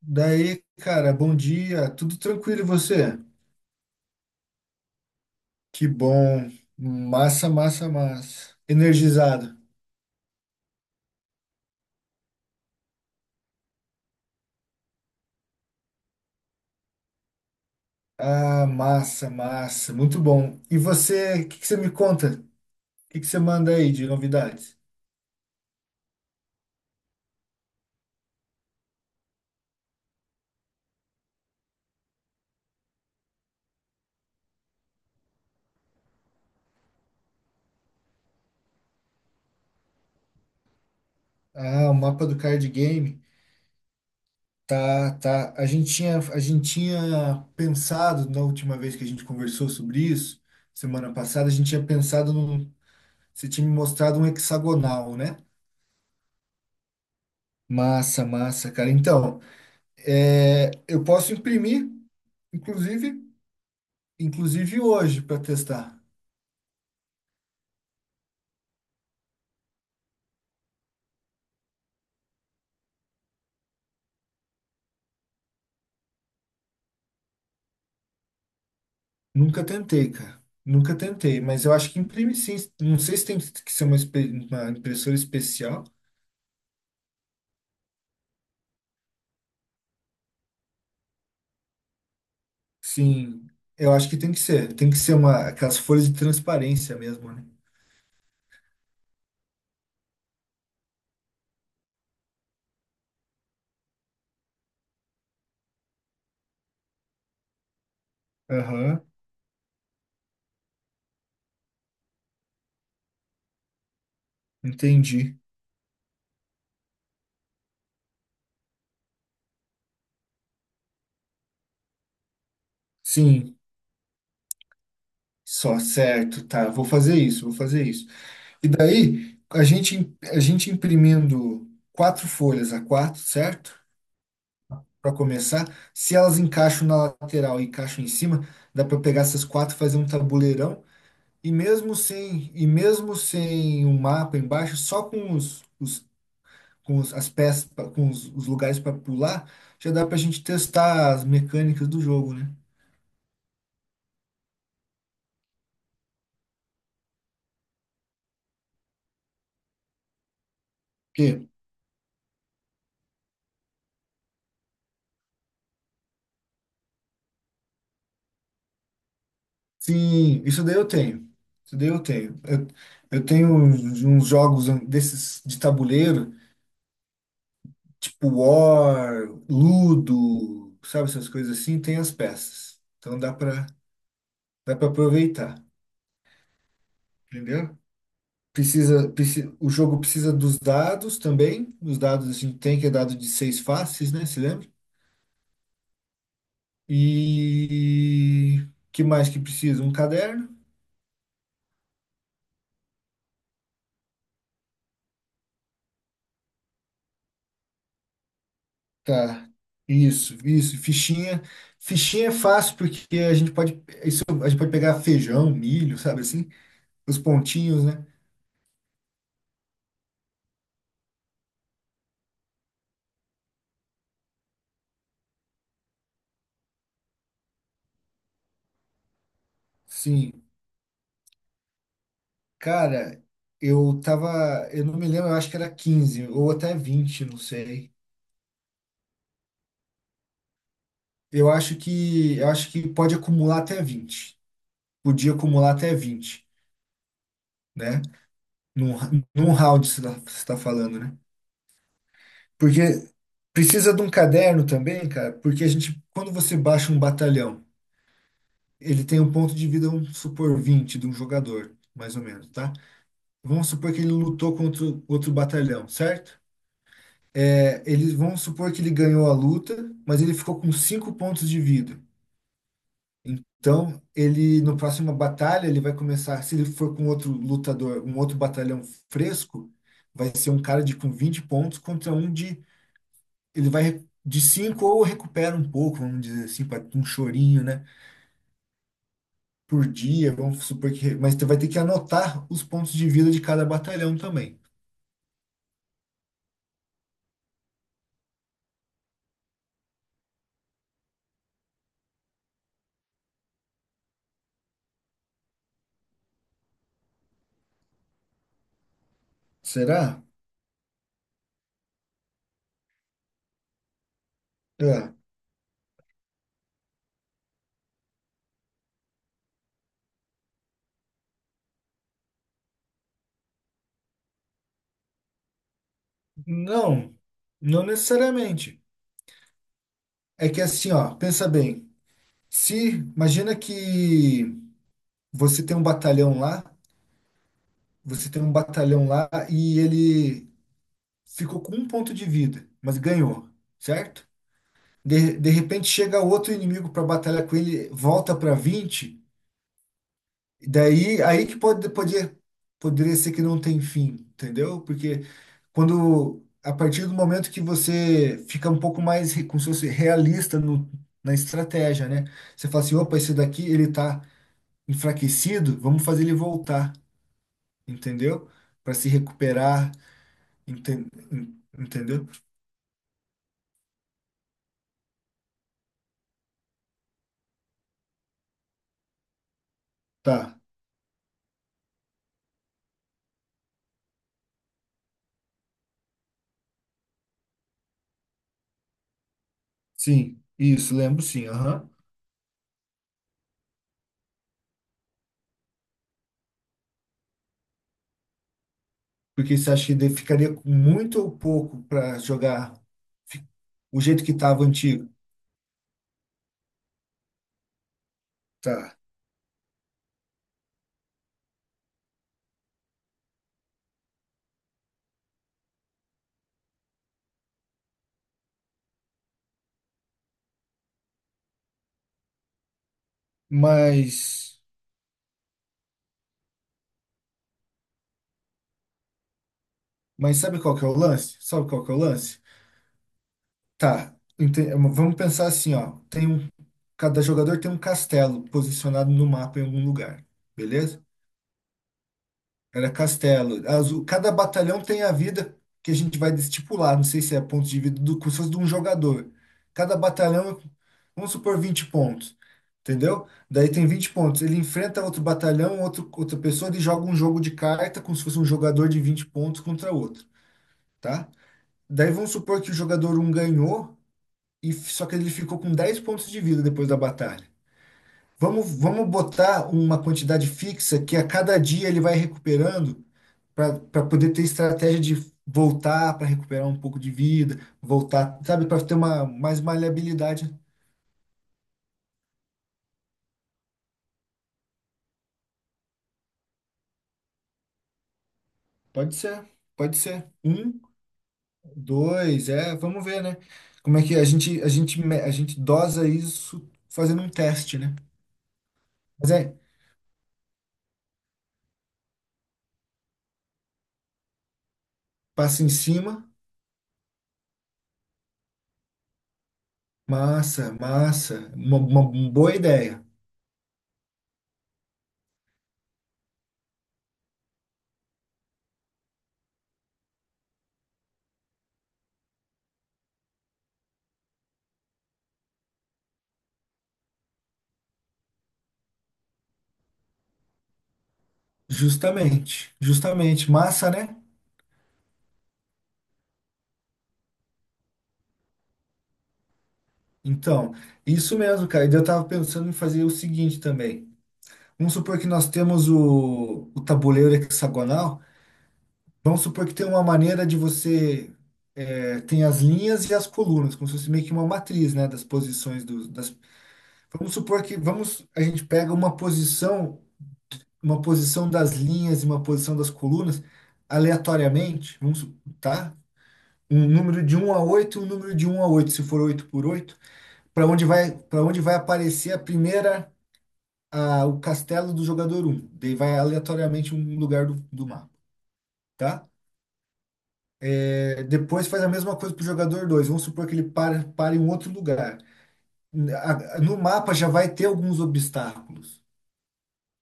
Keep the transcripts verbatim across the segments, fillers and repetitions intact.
Daí, cara, bom dia. Tudo tranquilo e você? Que bom. Massa, massa, massa. Energizado. Ah, massa, massa. Muito bom. E você, o que que você me conta? O que que você manda aí de novidades? Ah, o mapa do card game. Tá, tá. A gente tinha, a gente tinha pensado na última vez que a gente conversou sobre isso, semana passada, a gente tinha pensado num. Você tinha me mostrado um hexagonal, né? Massa, massa, cara. Então. É, eu posso imprimir, inclusive, inclusive hoje para testar. Nunca tentei, cara. Nunca tentei, mas eu acho que imprime sim. Não sei se tem que ser uma, espe- uma impressora especial. Sim, eu acho que tem que ser. Tem que ser uma, aquelas folhas de transparência mesmo, né? Aham, entendi. Sim, só certo, tá. Vou fazer isso, vou fazer isso. E daí, a gente, a gente imprimindo quatro folhas a quatro, certo? Para começar. Se elas encaixam na lateral e encaixam em cima, dá para pegar essas quatro, fazer um tabuleirão. E mesmo sem, e mesmo sem um mapa embaixo, só com os, os- com os- as peças, pra- com os, os lugares para pular, já dá para a gente testar as mecânicas do jogo, né? Porque, sim, isso daí eu tenho. Isso daí eu tenho. Eu, eu tenho uns, uns jogos desses de tabuleiro, tipo War, Ludo, sabe essas coisas assim, tem as peças. Então dá para Dá para aproveitar. Entendeu? Precisa, preci- o jogo precisa dos dados também. Os dados a gente tem que é dado de seis faces, né? Se lembra? E que mais que precisa? Um caderno? Tá. Isso, isso, fichinha. Fichinha é fácil porque a gente pode, a gente pode pegar feijão, milho, sabe assim? Os pontinhos, né? Sim. Cara, eu tava, eu não me lembro, eu acho que era quinze ou até vinte, não sei. Eu acho que eu acho que pode acumular até vinte. Podia acumular até vinte, né? Num, num round você está falando, né? Porque precisa de um caderno também, cara, porque a gente, quando você baixa um batalhão, ele tem um ponto de vida, vamos supor, vinte de um jogador, mais ou menos, tá? Vamos supor que ele lutou contra outro batalhão, certo? É, ele, vamos supor que ele ganhou a luta, mas ele ficou com cinco pontos de vida. Então, ele no próximo batalha, ele vai começar, se ele for com outro lutador, um outro batalhão fresco, vai ser um cara de com vinte pontos contra um de ele vai re- de cinco ou recupera um pouco, vamos dizer assim, para um chorinho, né, por dia, vamos supor que, mas tu vai ter que anotar os pontos de vida de cada batalhão também. Será? É. Não, não necessariamente. É que assim, ó, pensa bem. Se imagina que você tem um batalhão lá Você tem um batalhão lá e ele ficou com um ponto de vida, mas ganhou, certo? De, de repente chega outro inimigo para batalhar com ele, volta para vinte e daí aí que pode, poder, poderia ser que não tem fim, entendeu? Porque quando a partir do momento que você fica um pouco mais re- como se fosse realista no, na estratégia, né? Você fala assim, opa, esse daqui ele tá enfraquecido, vamos fazer ele voltar, entendeu? Para se recuperar. Enten- en- Entendeu? Tá, sim, isso, lembro sim, aham. Porque você acha que de- ficaria com muito ou pouco para jogar fi- o jeito que estava antigo? Tá, mas, mas sabe qual que é o lance? Sabe qual que é o lance? Tá, ente- vamos pensar assim, ó, tem um, cada jogador tem um castelo posicionado no mapa em algum lugar, beleza? Era castelo. As- o- cada batalhão tem a vida que a gente vai estipular. Não sei se é pontos de vida do, como se fosse de um jogador. Cada batalhão, vamos supor, vinte pontos. Entendeu? Daí tem vinte pontos. Ele enfrenta outro batalhão, outro, outra pessoa, ele joga um jogo de carta, como se fosse um jogador de vinte pontos contra outro, tá? Daí vamos supor que o jogador um ganhou, e f- só que ele ficou com dez pontos de vida depois da batalha. Vamos, vamos botar uma quantidade fixa que a cada dia ele vai recuperando para poder ter estratégia de voltar para recuperar um pouco de vida, voltar, sabe, para ter uma mais maleabilidade. Pode ser, pode ser. Um, dois, é, vamos ver, né? Como é que a gente a gente me- a gente dosa isso fazendo um teste, né? Mas é, passa em cima, massa, massa, uma, uma boa ideia. Justamente, justamente, massa, né? Então, isso mesmo, cara. E eu tava pensando em fazer o seguinte também. Vamos supor que nós temos o, o tabuleiro hexagonal. Vamos supor que tem uma maneira de você é, tem as linhas e as colunas, como se fosse meio que uma matriz, né, das posições dos, das, vamos supor que vamos a gente pega uma posição, uma posição das linhas e uma posição das colunas aleatoriamente, vamos, su- tá? Um número de um a oito, um número de um a oito, se for oito por oito, para onde vai para onde vai aparecer a primeira a, o castelo do jogador um? Daí vai aleatoriamente um lugar do, do mapa. Tá? É, depois faz a mesma coisa para o jogador dois. Vamos supor que ele para, para em um outro lugar. A- No mapa já vai ter alguns obstáculos,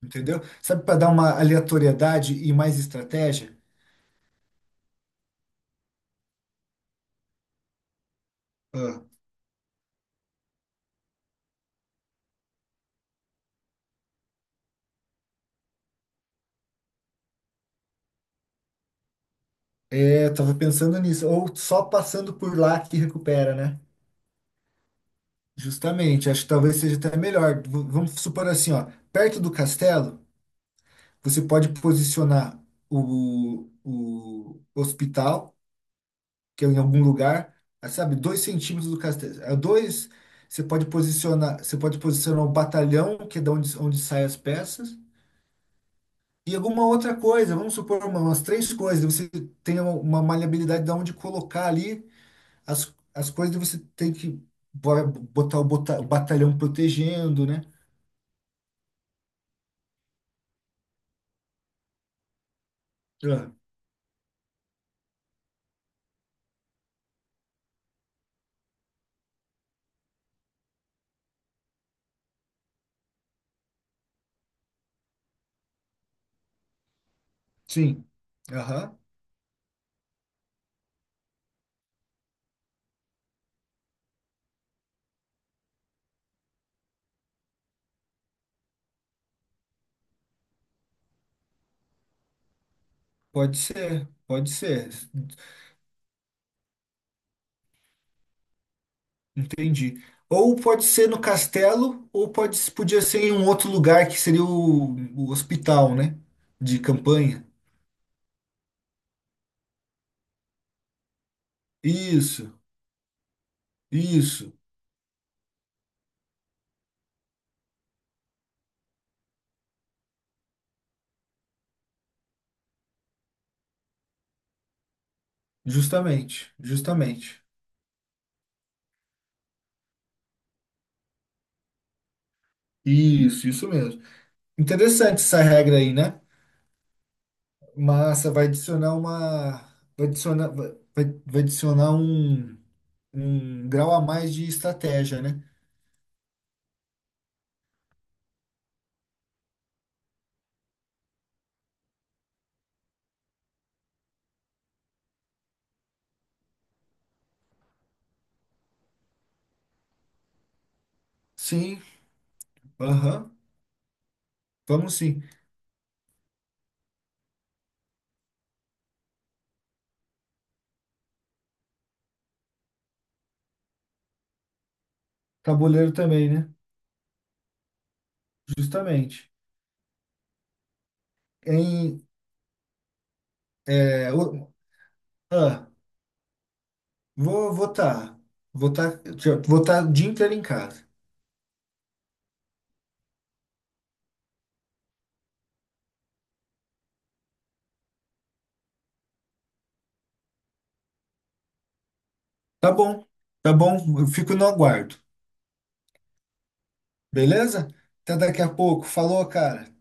entendeu? Sabe para dar uma aleatoriedade e mais estratégia? Ah. É, eu tava pensando nisso. Ou só passando por lá que recupera, né? Justamente, acho que talvez seja até melhor. V- vamos supor assim, ó, perto do castelo, você pode posicionar o, o hospital que é em algum lugar, ah, sabe, dois centímetros do castelo. é Dois, você pode posicionar, você pode posicionar, o batalhão, que é de onde, onde saem as peças, e alguma outra coisa, vamos supor, uma- umas três coisas, você tem uma, uma maleabilidade de onde colocar ali as, as coisas, você tem que bo- botar o bota- o batalhão protegendo, né? Ah, sim. Aham. Pode ser, pode ser. Entendi. Ou pode ser no castelo, ou pode, podia ser em um outro lugar que seria o, o hospital, né? De campanha. Isso, isso. Justamente, justamente. Isso, isso mesmo. Interessante essa regra aí, né? Massa, vai adicionar uma. Vai adicionar, vai, vai vai adicionar um, um grau a mais de estratégia, né? Sim, aham. Vamos sim. Tabuleiro também, né? Justamente. Em, é, o- ah, Vou votar. Votar, votar o dia inteiro em casa. Tá bom, tá bom. Eu fico no aguardo. Beleza? Até daqui a pouco. Falou, cara.